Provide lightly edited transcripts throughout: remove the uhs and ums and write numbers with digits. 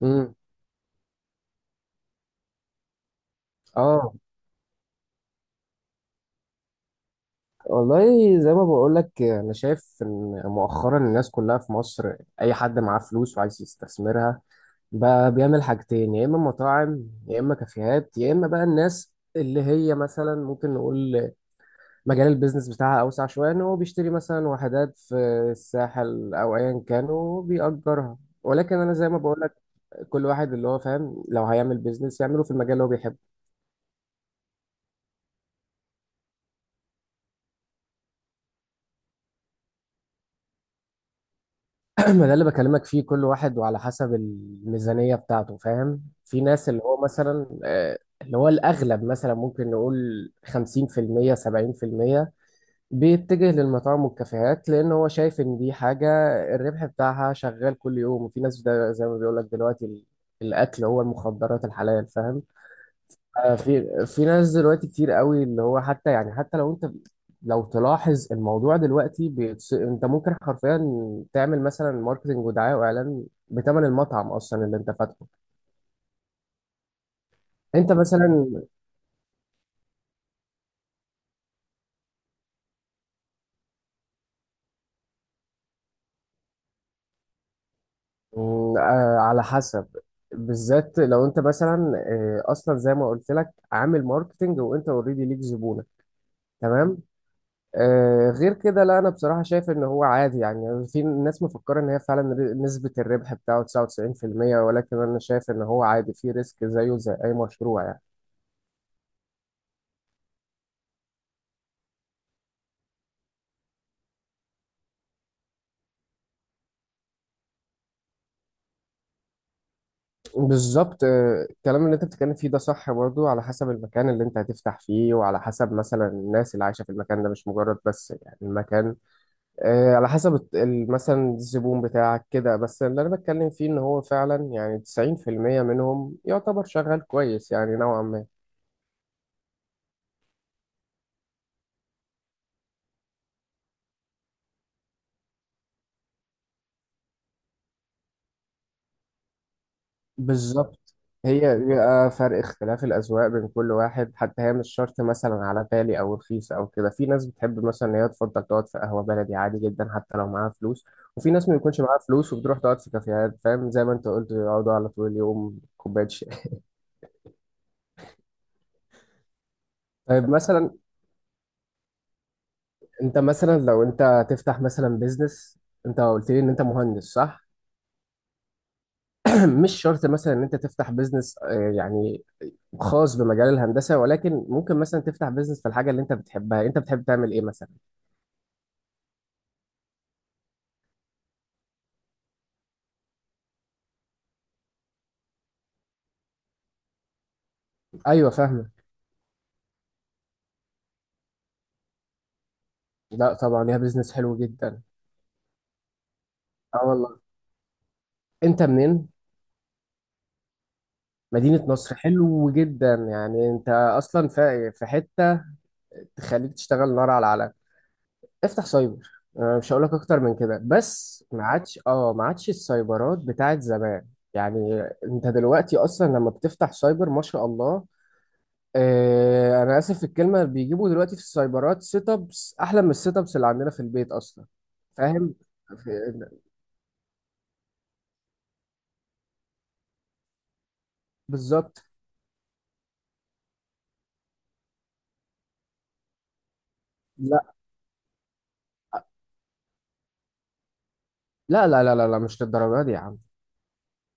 امم اه، والله زي ما بقول لك، انا شايف ان مؤخرا الناس كلها في مصر، اي حد معاه فلوس وعايز يستثمرها بقى بيعمل حاجتين: يا اما مطاعم يا اما كافيهات، يا اما بقى الناس اللي هي مثلا ممكن نقول مجال البيزنس بتاعها اوسع شويه، ان هو بيشتري مثلا وحدات في الساحل او ايا كان وبيأجرها. ولكن انا زي ما بقول لك، كل واحد اللي هو فاهم، لو هيعمل بيزنس يعمله في المجال اللي هو بيحبه. ما ده اللي بكلمك فيه، كل واحد وعلى حسب الميزانية بتاعته، فاهم. في ناس اللي هو مثلا اللي هو الأغلب، مثلا ممكن نقول 50% 70% بيتجه للمطاعم والكافيهات، لأن هو شايف إن دي حاجة الربح بتاعها شغال كل يوم. وفي ناس، ده زي ما بيقولك، دلوقتي الأكل هو المخدرات الحلال، فاهم. في ناس دلوقتي كتير قوي اللي هو حتى، يعني حتى لو انت، لو تلاحظ الموضوع دلوقتي انت ممكن حرفيا تعمل مثلا ماركتنج ودعايه واعلان بثمن المطعم اصلا اللي انت فاتحه. انت مثلا، على حسب. بالذات لو انت مثلا اصلا زي ما قلت لك، عامل ماركتنج وانت اوريدي ليك زبونه، تمام. غير كده لا، انا بصراحه شايف ان هو عادي. يعني في ناس مفكره ان هي فعلا نسبه الربح بتاعه 99%، ولكن انا شايف ان هو عادي، في ريسك زيه زي اي مشروع يعني. بالظبط، الكلام اللي انت بتتكلم فيه ده صح برضو، على حسب المكان اللي انت هتفتح فيه، وعلى حسب مثلا الناس اللي عايشه في المكان ده، مش مجرد بس يعني المكان. على حسب مثلا الزبون بتاعك كده بس. اللي انا بتكلم فيه ان هو فعلا يعني 90% منهم يعتبر شغال كويس، يعني نوعا ما. بالظبط، هي بيبقى فرق اختلاف الأذواق بين كل واحد، حتى هي مش شرط مثلا على غالي أو رخيص أو كده. في ناس بتحب مثلا إن هي تفضل تقعد في قهوة بلدي عادي جدا حتى لو معاها فلوس، وفي ناس ما بيكونش معاها فلوس وبتروح تقعد في كافيهات، فاهم، زي ما أنت قلت يقعدوا على طول اليوم كوباية شاي. طيب مثلا، أنت مثلا لو أنت تفتح مثلا بيزنس، أنت قلت لي إن أنت مهندس، صح؟ مش شرط مثلا إن أنت تفتح بيزنس يعني خاص بمجال الهندسة، ولكن ممكن مثلا تفتح بيزنس في الحاجة اللي أنت بتحبها. أنت بتحب تعمل إيه مثلا؟ ايوه، فاهمه. لا طبعا ليها بيزنس حلو جدا. اه والله، انت منين؟ مدينة نصر، حلو جدا. يعني انت اصلا في حتة تخليك تشتغل نار على العالم. افتح سايبر. مش هقولك اكتر من كده، بس ما عادش، ما عادش السايبرات بتاعت زمان. يعني انت دلوقتي اصلا لما بتفتح سايبر ما شاء الله، اه انا اسف في الكلمة، بيجيبوا دلوقتي في السايبرات سيت ابس احلى من السيت ابس اللي عندنا في البيت اصلا، فاهم. في- بالظبط. لا لا لا لا لا لا، مش للدرجه دي يا عم.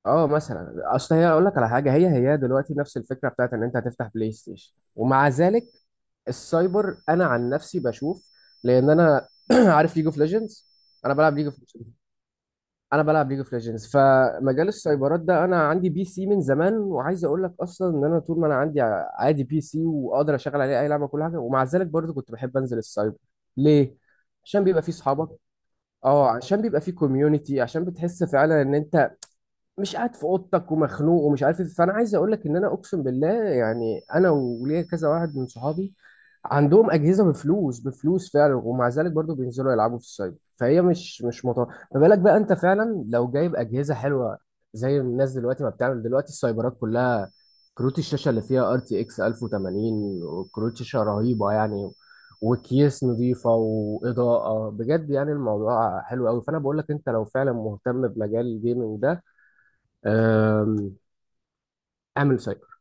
اه مثلا، اصل هي اقول لك على حاجه، هي هي دلوقتي نفس الفكره بتاعت ان انت هتفتح بلاي ستيشن، ومع ذلك السايبر انا عن نفسي بشوف، لان انا عارف ليج اوف ليجندز، انا بلعب ليج اوف ليجندز. فمجال السايبرات ده، انا عندي PC من زمان، وعايز اقول لك اصلا ان انا طول ما انا عندي عادي بي سي واقدر اشغل عليه اي لعبه، كل حاجه، ومع ذلك برضه كنت بحب انزل السايبر. ليه؟ عشان بيبقى فيه صحابك. اه، عشان بيبقى فيه كوميونتي، عشان بتحس فعلا ان انت مش قاعد في اوضتك ومخنوق ومش عارف ايه. فانا عايز اقول لك ان انا اقسم بالله يعني، انا وليا كذا واحد من صحابي عندهم اجهزه بفلوس، بفلوس فعلا، ومع ذلك برضو بينزلوا يلعبوا في السايبر. فهي مش مطور. ما بالك بقى انت فعلا لو جايب اجهزه حلوه زي الناس دلوقتي ما بتعمل. دلوقتي السايبرات كلها كروت الشاشه اللي فيها RTX 1080 وكروت شاشه رهيبه يعني، وكيس نظيفه واضاءه بجد، يعني الموضوع حلو قوي. فانا بقول لك، انت لو فعلا مهتم بمجال الجيمنج ده، أم، اعمل سايبر.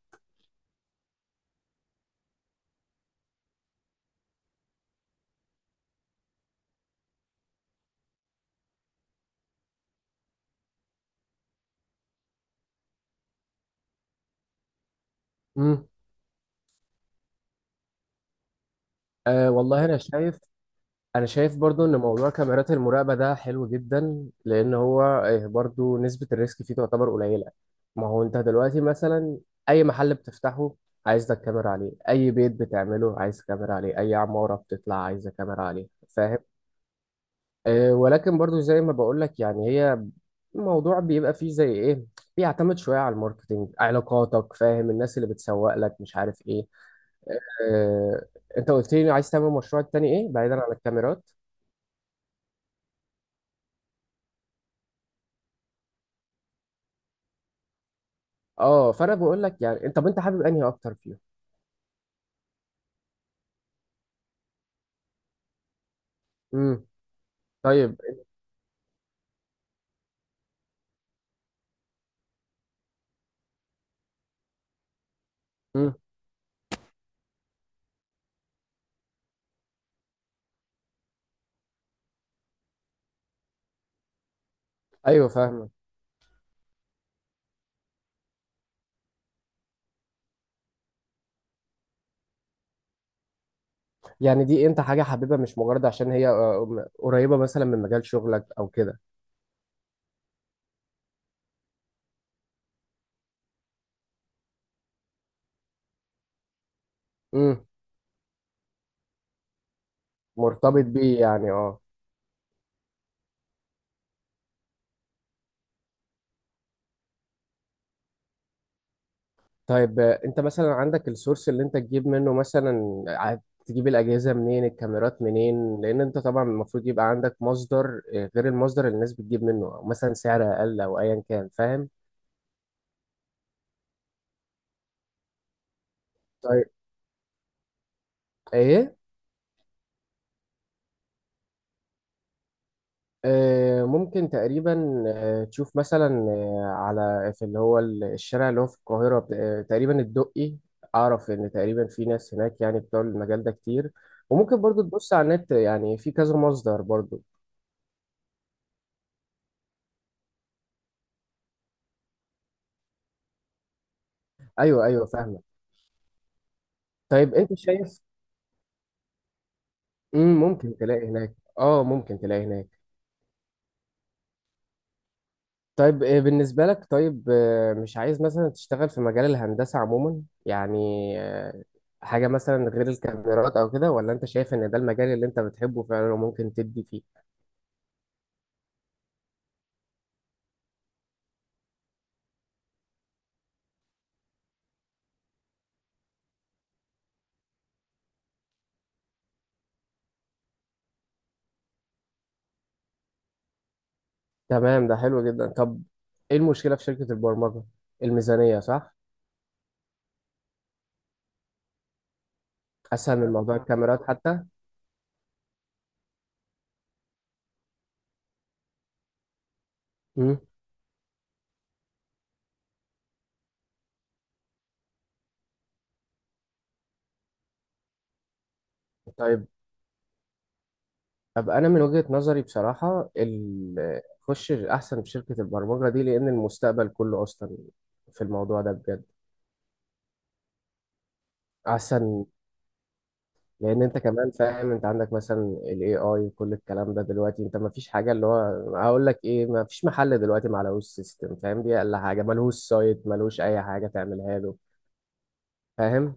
امم أه والله انا شايف برضو ان موضوع كاميرات المراقبه ده حلو جدا، لان هو برضو نسبه الريسك فيه تعتبر قليله. ما هو انت دلوقتي مثلا، اي محل بتفتحه عايز لك كاميرا عليه، اي بيت بتعمله عايز كاميرا عليه، اي عماره بتطلع عايزه كاميرا عليه، فاهم. ولكن برضو زي ما بقول لك، يعني هي الموضوع بيبقى فيه زي ايه، بيعتمد شويه على الماركتينج، علاقاتك، فاهم، الناس اللي بتسوق لك، مش عارف ايه. آه، انت قلت لي عايز تعمل مشروع تاني ايه بعيدا عن الكاميرات؟ اه، فانا بقول لك يعني انت، طب انت حابب انهي اكتر فيهم؟ امم طيب. امم ايوه، فاهمك. يعني دي انت حاجه حاببها، مش مجرد عشان هي قريبه مثلا من مجال شغلك او كده. امم مرتبط بيه يعني، اه. طيب، انت مثلا عندك السورس اللي انت تجيب منه مثلا، عاد تجيب الاجهزه منين، الكاميرات منين؟ لان انت طبعا المفروض يبقى عندك مصدر غير المصدر اللي الناس بتجيب منه، او مثلا سعر اقل او ايا كان، فاهم. ايه، ممكن تقريبا تشوف مثلا على، في اللي هو الشارع اللي هو في القاهرة، تقريبا الدقي. أعرف إن تقريبا في ناس هناك يعني بتوع المجال ده كتير، وممكن برضو تبص على النت، يعني في كذا مصدر برضو. أيوه أيوه، فاهمة. طيب أنت شايف، ممكن تلاقي هناك، أه ممكن تلاقي هناك. طيب بالنسبة لك، طيب مش عايز مثلا تشتغل في مجال الهندسة عموما يعني، آه، حاجة مثلا غير الكاميرات أو كده، ولا أنت شايف إن ده المجال اللي أنت بتحبه فعلا وممكن تدي فيه؟ تمام، ده حلو جدا. طب إيه المشكلة في شركة البرمجة؟ الميزانية، صح؟ أسهل من موضوع الكاميرات حتى. مم. طيب، طب أنا من وجهة نظري بصراحة، خش أحسن في شركة البرمجة دي، لأن المستقبل كله أصلا في الموضوع ده بجد، أحسن. لان انت كمان فاهم، انت عندك مثلا الـ AI وكل الكلام ده دلوقتي، انت ما فيش حاجه اللي هو، هقول لك ايه، ما فيش محل دلوقتي ما عليهوش سيستم، فاهم، دي اقل حاجه، ملهوش سايت، ملهوش اي حاجه تعملها له، فاهم.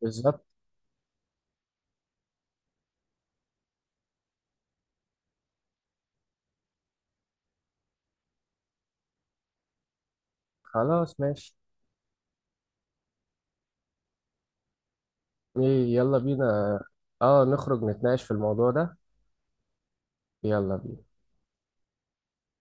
بالظبط. خلاص، ماشي. ايه، يلا بينا. اه، نخرج نتناقش في الموضوع ده. يلا بينا.